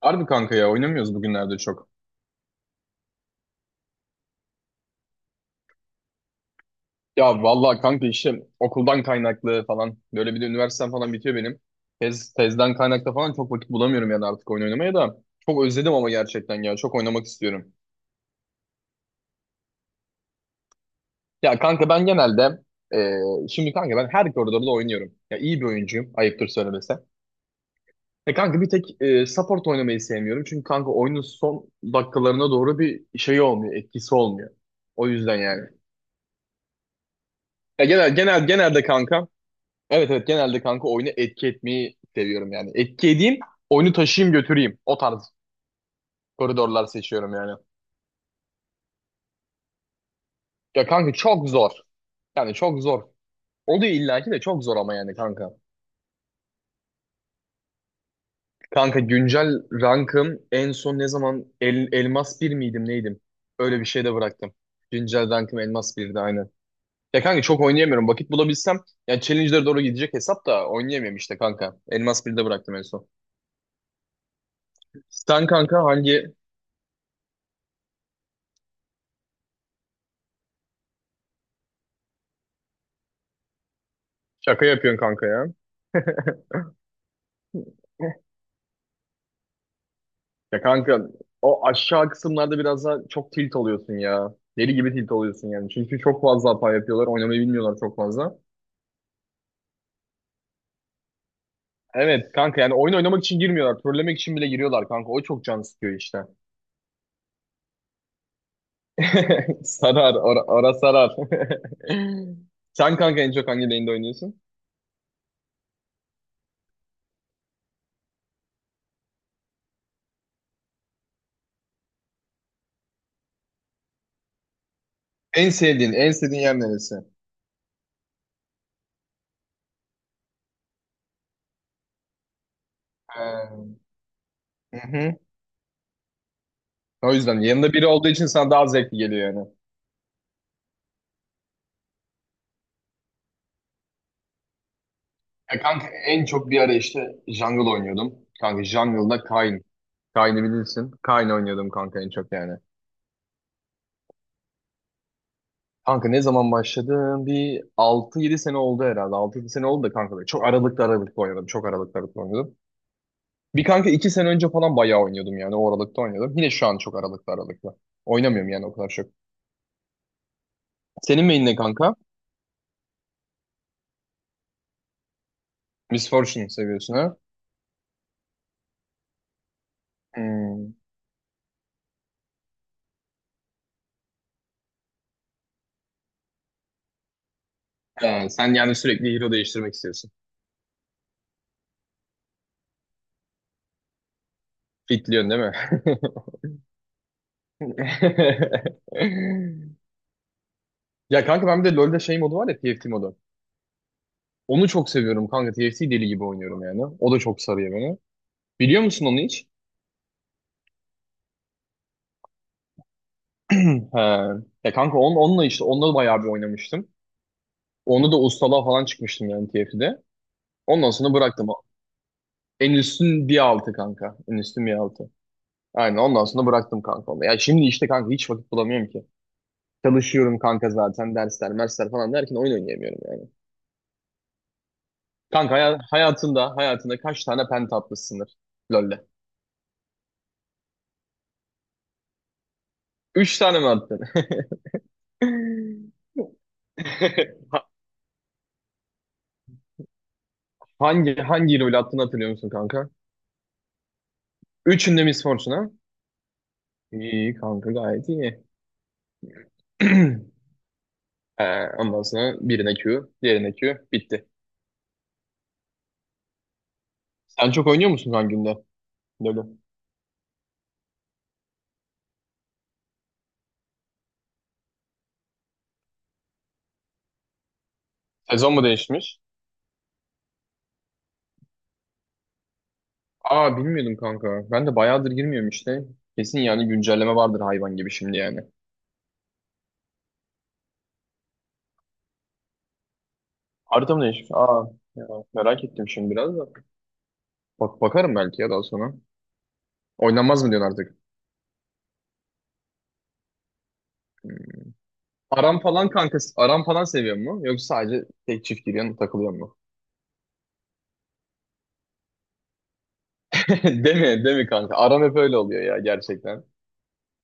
Harbi kanka ya oynamıyoruz bugünlerde çok. Ya vallahi kanka işte okuldan kaynaklı falan. Böyle bir de üniversitem falan bitiyor benim. Tezden kaynaklı falan çok vakit bulamıyorum yani artık oyun oynamaya da. Çok özledim ama gerçekten ya. Çok oynamak istiyorum. Ya kanka ben genelde şimdi kanka ben her koridorda oynuyorum. Ya iyi bir oyuncuyum ayıptır söylemesi. E kanka bir tek support oynamayı sevmiyorum. Çünkü kanka oyunun son dakikalarına doğru bir şey olmuyor. Etkisi olmuyor. O yüzden yani. Ya genelde kanka. Evet, evet, genelde kanka oyunu etki etmeyi seviyorum yani. Etki edeyim, oyunu taşıyayım götüreyim. O tarz koridorlar seçiyorum yani. Ya kanka çok zor. Yani çok zor. Oluyor illaki de çok zor ama yani kanka. Kanka güncel rankım en son ne zaman elmas bir miydim neydim? Öyle bir şeyde bıraktım. Güncel rankım elmas birdi aynen. Ya kanka çok oynayamıyorum. Vakit bulabilsem yani challenge'lere doğru gidecek hesap da oynayamıyorum işte kanka. Elmas birde bıraktım en son. Sen kanka hangi Şaka yapıyorsun kanka ya? Ya kanka o aşağı kısımlarda biraz daha çok tilt oluyorsun ya. Deli gibi tilt oluyorsun yani. Çünkü çok fazla hata yapıyorlar. Oynamayı bilmiyorlar çok fazla. Evet kanka yani oyun oynamak için girmiyorlar. Trollemek için bile giriyorlar kanka. O çok can sıkıyor işte. Sarar. Ara, ara sarar. Sen kanka en çok hangi lane'de oynuyorsun? En sevdiğin yer neresi? Ee, hı hı. O yüzden yanında biri olduğu için sana daha zevkli geliyor yani. Ya kanka en çok bir ara işte Jungle oynuyordum. Kanka Jungle'da Kayn. Kayn'ı bilirsin. Kayn oynuyordum kanka en çok yani. Kanka ne zaman başladım? Bir 6-7 sene oldu herhalde. 6-7 sene oldu da kanka. Çok aralıklı aralıklı oynadım. Çok aralıklı aralıklı oynadım. Bir kanka 2 sene önce falan bayağı oynuyordum yani. O aralıkta oynuyordum. Yine şu an çok aralıklı aralıklı. Oynamıyorum yani o kadar çok. Senin main ne kanka? Miss Fortune seviyorsun ha? Hmm. Ha, sen yani sürekli hero değiştirmek istiyorsun. Fitliyorsun değil mi? Ya kanka ben bir de LoL'de şey modu var ya TFT modu. Onu çok seviyorum kanka. TFT deli gibi oynuyorum yani. O da çok sarıyor beni. Biliyor musun onu hiç? He. Ya kanka onunla işte onunla bayağı bir oynamıştım. Onu da ustalığa falan çıkmıştım yani TFT'de. Ondan sonra bıraktım. En üstün bir altı kanka. En üstün bir altı. Aynen ondan sonra bıraktım kanka onu. Ya şimdi işte kanka hiç vakit bulamıyorum ki. Çalışıyorum kanka zaten dersler, mersler falan derken oyun oynayamıyorum yani. Kanka hayatında kaç tane penta atmışsındır LoL'de? Üç tane mi attın? Ha- hangi rolü attığını hatırlıyor musun kanka? Üçünde Miss Fortuna. İyi kanka gayet iyi. Ondan sonra birine Q, diğerine Q. Bitti. Sen çok oynuyor musun kanka günde? LoL'ü. Sezon mu değişmiş? Aa, bilmiyordum kanka. Ben de bayağıdır girmiyorum işte. Kesin yani güncelleme vardır hayvan gibi şimdi yani. Harita mı değişmiş? Aa ya, merak ettim şimdi biraz da. Bak, bakarım belki ya daha sonra. Oynanmaz mı diyorsun artık? Aram falan kanka, aram falan seviyor mu? Yoksa sadece tek çift giriyorsun, takılıyor mu? Değil mi? Değil mi kanka? Aram hep öyle oluyor ya gerçekten.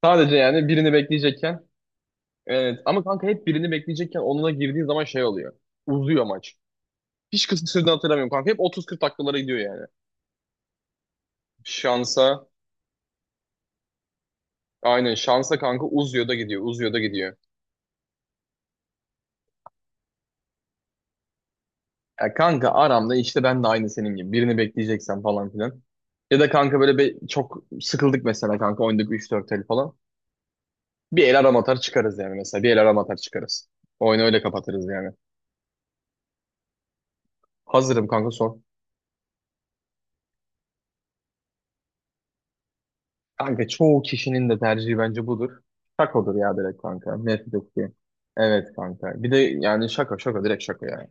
Sadece yani birini bekleyecekken, evet, ama kanka hep birini bekleyecekken onunla girdiğin zaman şey oluyor. Uzuyor maç. Hiç kısa süreden hatırlamıyorum kanka. Hep 30-40 dakikalara gidiyor yani. Şansa aynen şansa kanka uzuyor da gidiyor. Uzuyor da gidiyor. Ya kanka aramda işte ben de aynı senin gibi. Birini bekleyeceksen falan filan. Ya da kanka böyle çok sıkıldık mesela kanka oynadık üç dört el falan. Bir el arama atar çıkarız yani mesela. Bir el arama atar çıkarız. Oyunu öyle kapatırız yani. Hazırım kanka sor. Kanka çoğu kişinin de tercihi bence budur. Şakodur ya direkt kanka. Nefret ettiğim. Evet kanka. Bir de yani şaka şaka direkt şaka yani.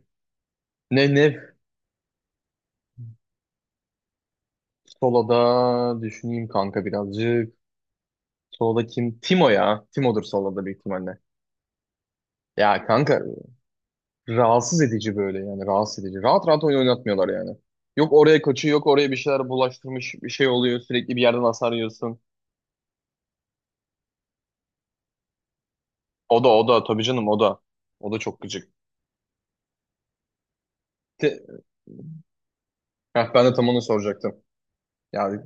Ne ne solada düşüneyim kanka birazcık. Solda kim? Timo ya. Timo'dur solda büyük ihtimalle. Ya kanka rahatsız edici böyle yani rahatsız edici. Rahat rahat oyun oynatmıyorlar yani. Yok oraya kaçıyor yok oraya bir şeyler bulaştırmış bir şey oluyor sürekli bir yerden hasar yiyorsun. O da o da tabii canım o da. O da çok gıcık. Te- Ben de tam onu soracaktım. Yani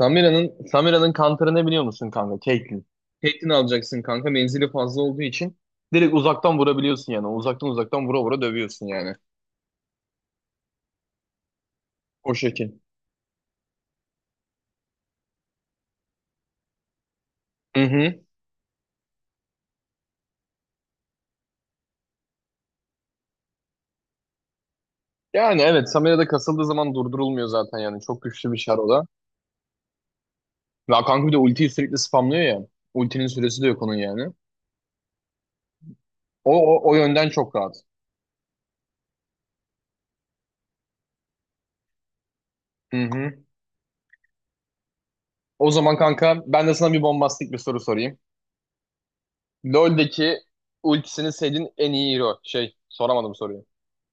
Samira'nın kantarı ne biliyor musun kanka? Caitlyn. Caitlyn alacaksın kanka menzili fazla olduğu için. Direkt uzaktan vurabiliyorsun yani. Uzaktan uzaktan vura vura dövüyorsun yani. O şekil. Hı hı. Yani evet Samira da kasıldığı zaman durdurulmuyor zaten yani. Çok güçlü bir şar o da. Ve kanka bir de ultiyi sürekli spamlıyor ya. Ultinin süresi de yok onun yani. O yönden çok rahat. Hı hı. O zaman kanka ben de sana bir bombastik bir soru sorayım. LoL'deki ultisini sevdiğin en iyi hero. Şey soramadım soruyu.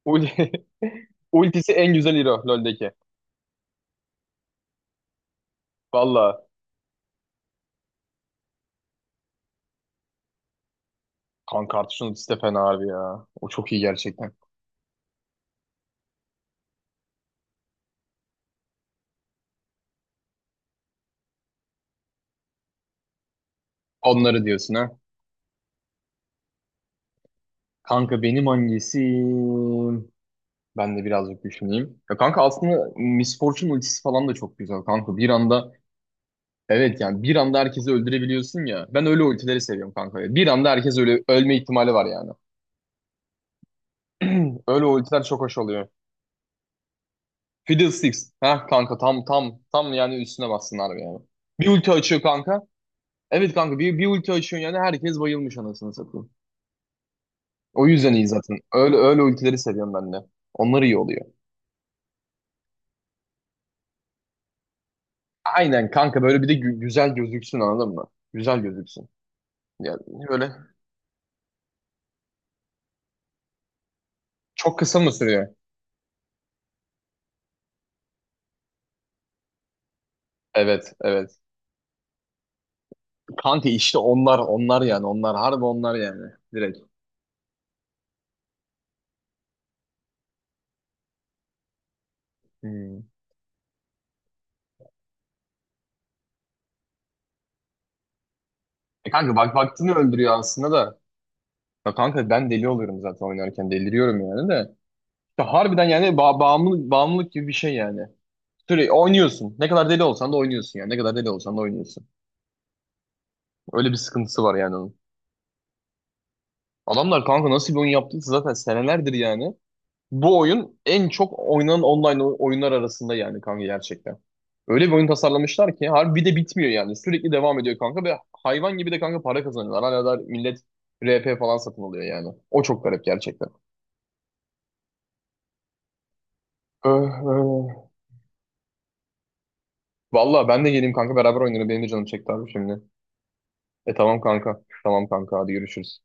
Ul ultisi en güzel hero LoL'deki. Valla kanka Artuş'un ultisi de fena abi ya. O çok iyi gerçekten. Onları diyorsun ha. Kanka benim hangisi? Ben de birazcık düşüneyim. Ya kanka aslında Miss Fortune ultisi falan da çok güzel kanka. Bir anda, evet, yani bir anda herkesi öldürebiliyorsun ya. Ben öyle ultileri seviyorum kanka. Bir anda herkes öyle ölme ihtimali var yani. Öyle ultiler çok hoş oluyor. Fiddlesticks. Ha kanka tam tam tam yani üstüne bassın harbi yani. Bir ulti açıyor kanka. Evet kanka bir ulti açıyor yani herkes bayılmış anasını satayım. O yüzden iyi zaten. Öyle öyle ultileri seviyorum ben de. Onlar iyi oluyor. Aynen kanka böyle bir de güzel gözüksün anladın mı? Güzel gözüksün. Yani böyle çok kısa mı sürüyor? Evet, evet. Kanka işte onlar onlar yani onlar harbi onlar yani direkt. Hmm. E kanka bak baktığını öldürüyor aslında da. Ya kanka ben deli oluyorum zaten oynarken deliriyorum yani de. Ya harbiden yani bağımlılık gibi bir şey yani. Sürekli oynuyorsun. Ne kadar deli olsan da oynuyorsun yani. Ne kadar deli olsan da oynuyorsun. Öyle bir sıkıntısı var yani onun. Adamlar kanka nasıl bir oyun yaptıysa zaten senelerdir yani. Bu oyun en çok oynanan online oyunlar arasında yani kanka gerçekten. Öyle bir oyun tasarlamışlar ki harbi bir de bitmiyor yani. Sürekli devam ediyor kanka ve hayvan gibi de kanka para kazanıyorlar. Hala da millet RP falan satın alıyor yani. O çok garip gerçekten. Öh, öh. Vallahi ben de geleyim kanka beraber oynarım. Benim de canım çekti abi şimdi. E tamam kanka. Tamam kanka hadi görüşürüz.